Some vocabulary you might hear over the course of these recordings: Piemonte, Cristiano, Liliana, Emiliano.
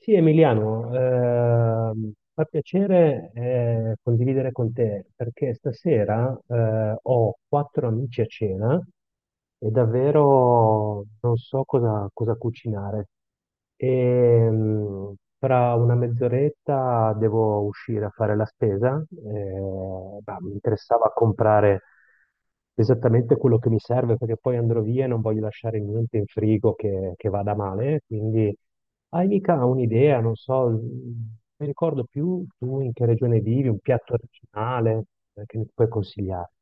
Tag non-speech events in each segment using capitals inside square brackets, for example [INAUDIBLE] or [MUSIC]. Sì, Emiliano, fa piacere condividere con te perché stasera ho quattro amici a cena e davvero non so cosa cucinare. Tra una mezz'oretta devo uscire a fare la spesa. Mi interessava comprare esattamente quello che mi serve perché poi andrò via e non voglio lasciare niente in frigo che vada male, quindi hai mica un'idea, non so, non mi ricordo più tu in che regione vivi, un piatto regionale che mi puoi consigliare.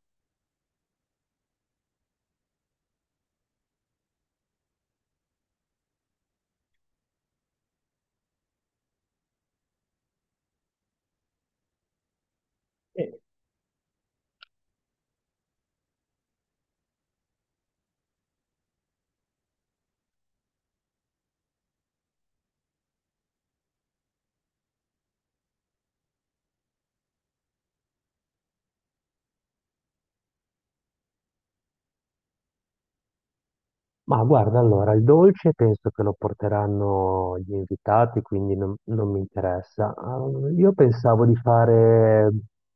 Ma guarda, allora, il dolce penso che lo porteranno gli invitati, quindi non mi interessa. Ah, io pensavo di fare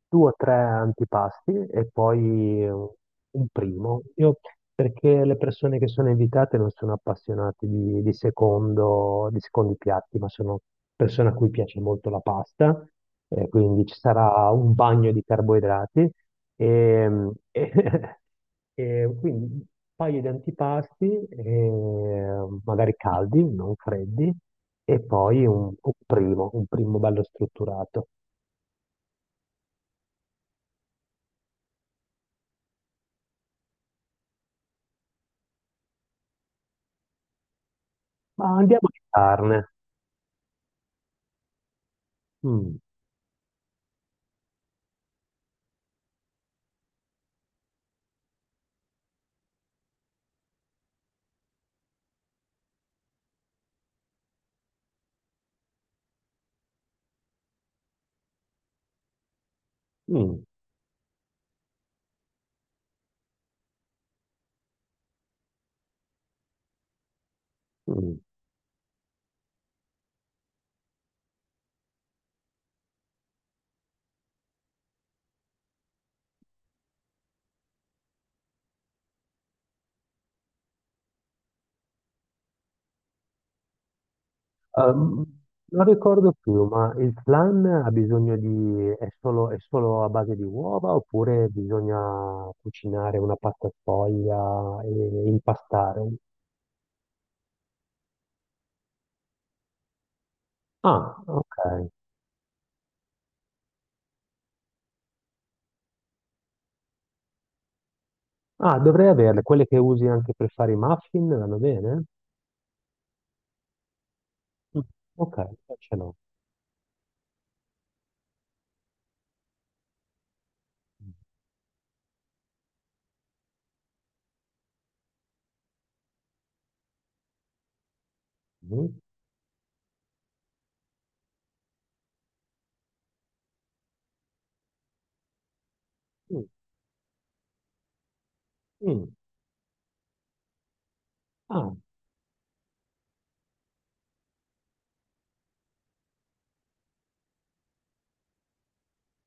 due o tre antipasti e poi un primo. Io, perché le persone che sono invitate non sono appassionate di di secondi piatti, ma sono persone a cui piace molto la pasta, quindi ci sarà un bagno di carboidrati e [LAUGHS] E quindi un paio di antipasti, magari caldi, non freddi, e poi un primo bello strutturato. Ma andiamo di carne. Mm. mm, mm. Ehm, non ricordo più, ma il flan ha bisogno di, è solo a base di uova oppure bisogna cucinare una pasta sfoglia e impastare? Ah, ok. Ah, dovrei averle, quelle che usi anche per fare i muffin, vanno bene? Mm. Ok, qua ce l'ho. Mm. mm, mm. Ah,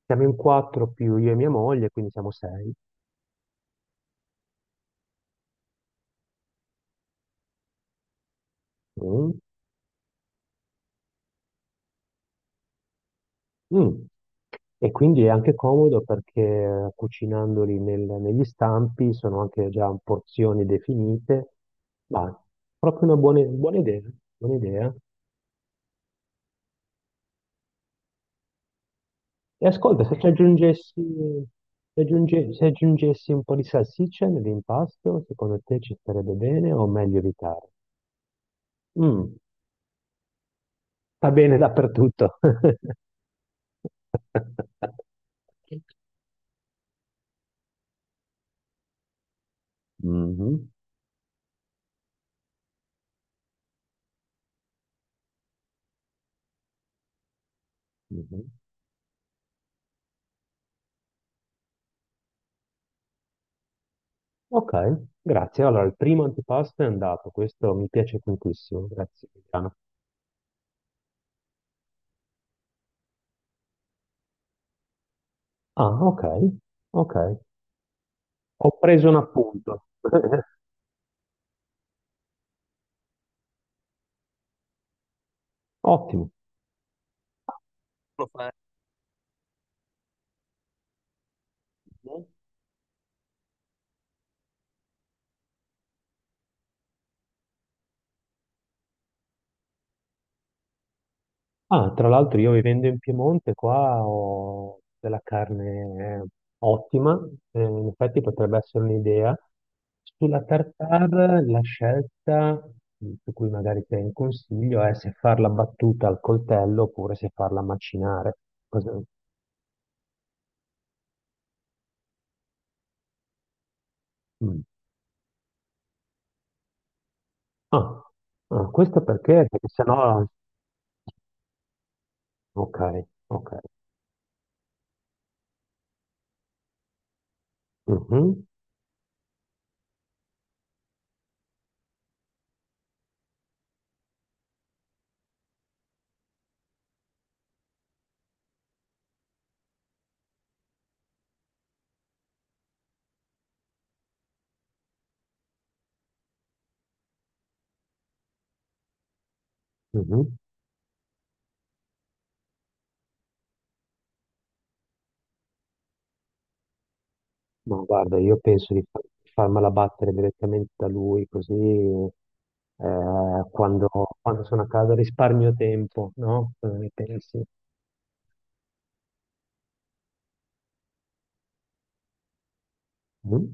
siamo in quattro più io e mia moglie, quindi siamo sei. Mm, mm. E quindi è anche comodo perché cucinandoli negli stampi sono anche già porzioni definite. Ma proprio una buona idea, buona idea. E ascolta, se aggiungessi un po' di salsiccia nell'impasto, secondo te ci starebbe bene o meglio evitare? Mm, va bene dappertutto. [LAUGHS] Mhm, mhm. Ok, grazie. Allora, il primo antipasto è andato, questo mi piace tantissimo, grazie Cristiano. Ah, ok, ok. Ho preso un appunto. [LAUGHS] Ottimo. Lo fai? Ah, tra l'altro io vivendo in Piemonte qua ho della carne ottima, in effetti potrebbe essere un'idea. Sulla tartare la scelta mm, su cui magari ti un consiglio è se farla battuta al coltello oppure se farla macinare. Cosa- mm. Ah, ah, questo perché? Perché sennò... Ok, ok. Mhm, mhm. Ma guarda, io penso di fa- farmela battere direttamente da lui, così quando, quando sono a casa risparmio tempo, no? Cosa ne pensi? Mm?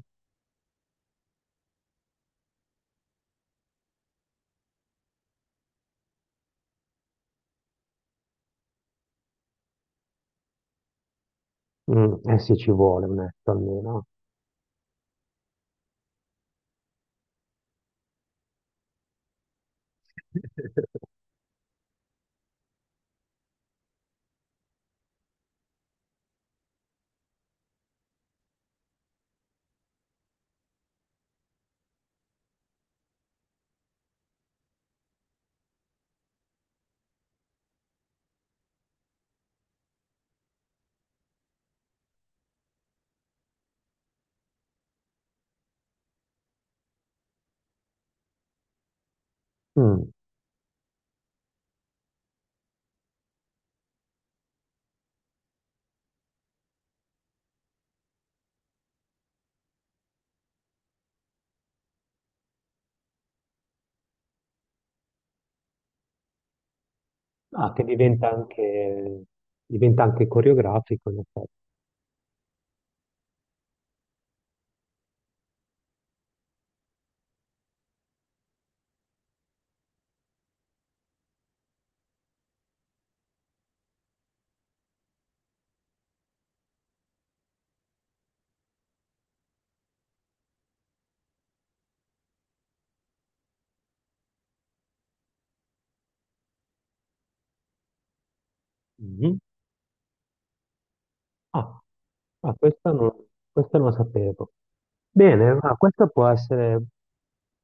Mm, eh sì, ci vuole un etto almeno. Mm. Ah, diventa anche coreografico, in effetti. Mm. Ah, ah, questa non, questa non la sapevo. Bene, ma questa può essere,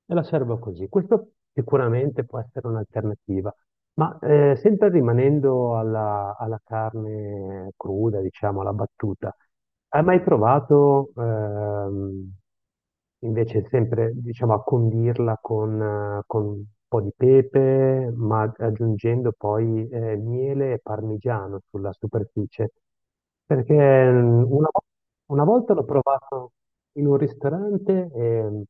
e la servo così, questo sicuramente può essere un'alternativa. Ma sempre rimanendo alla carne cruda, diciamo, alla battuta, hai mai provato invece sempre, diciamo, a condirla con un po' di pepe, ma aggiungendo poi miele e parmigiano sulla superficie? Perché mm, una volta l'ho provato in un ristorante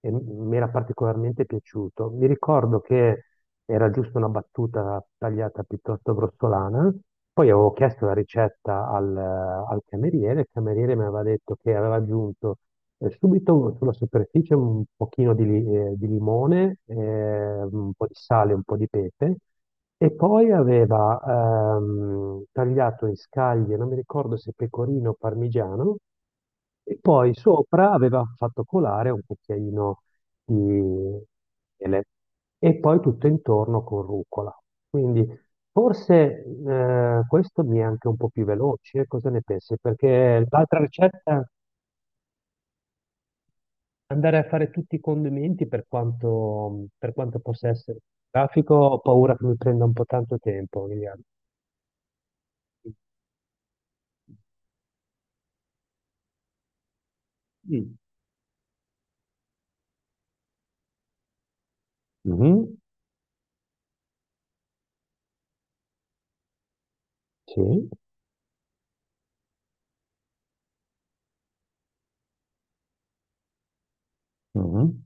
e mi era particolarmente piaciuto. Mi ricordo che era giusto una battuta tagliata piuttosto grossolana. Poi avevo chiesto la ricetta al cameriere, il cameriere mi aveva detto che aveva aggiunto subito sulla superficie un pochino di limone, un po' di sale, un po' di pepe, e poi aveva tagliato in scaglie, non mi ricordo se pecorino o parmigiano, e poi sopra aveva fatto colare un cucchiaino di miele e poi tutto intorno con rucola. Quindi forse questo mi è anche un po' più veloce, cosa ne pensi? Perché l'altra ricetta, andare a fare tutti i condimenti per quanto possa essere grafico, ho paura che mi prenda un po' tanto tempo, Liliana. Mm. Mhm, sì, mhm,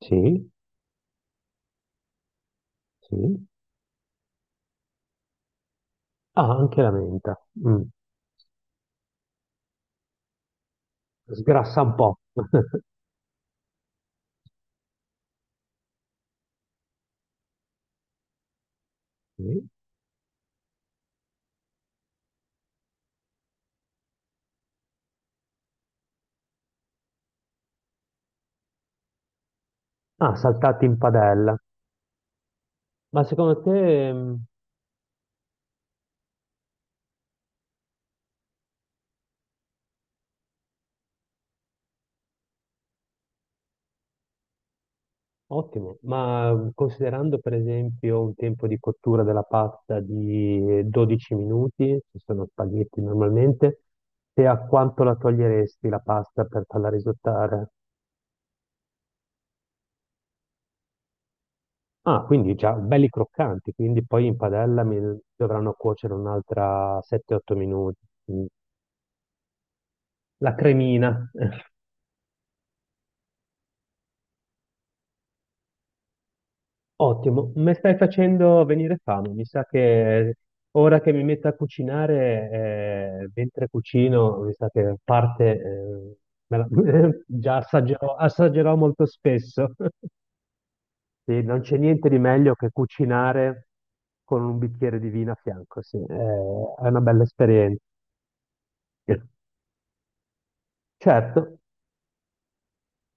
sì, sì. Ah, anche la menta. Mm. Sgrassa un po'. Sì. Ah, saltati in padella. Ma secondo te, ottimo, ma considerando per esempio un tempo di cottura della pasta di 12 minuti, se sono spaghetti normalmente, te a quanto la toglieresti la pasta per farla risottare? Ah, quindi già belli croccanti, quindi poi in padella mi dovranno cuocere un'altra 7-8 minuti. Mm. La cremina. [LAUGHS] Ottimo, mi stai facendo venire fame. Mi sa che ora che mi metto a cucinare, mentre cucino, mi sa che parte, me la- [LAUGHS] già assaggerò, assaggerò molto spesso. [LAUGHS] Sì, non c'è niente di meglio che cucinare con un bicchiere di vino a fianco, sì, è una bella esperienza. Certo,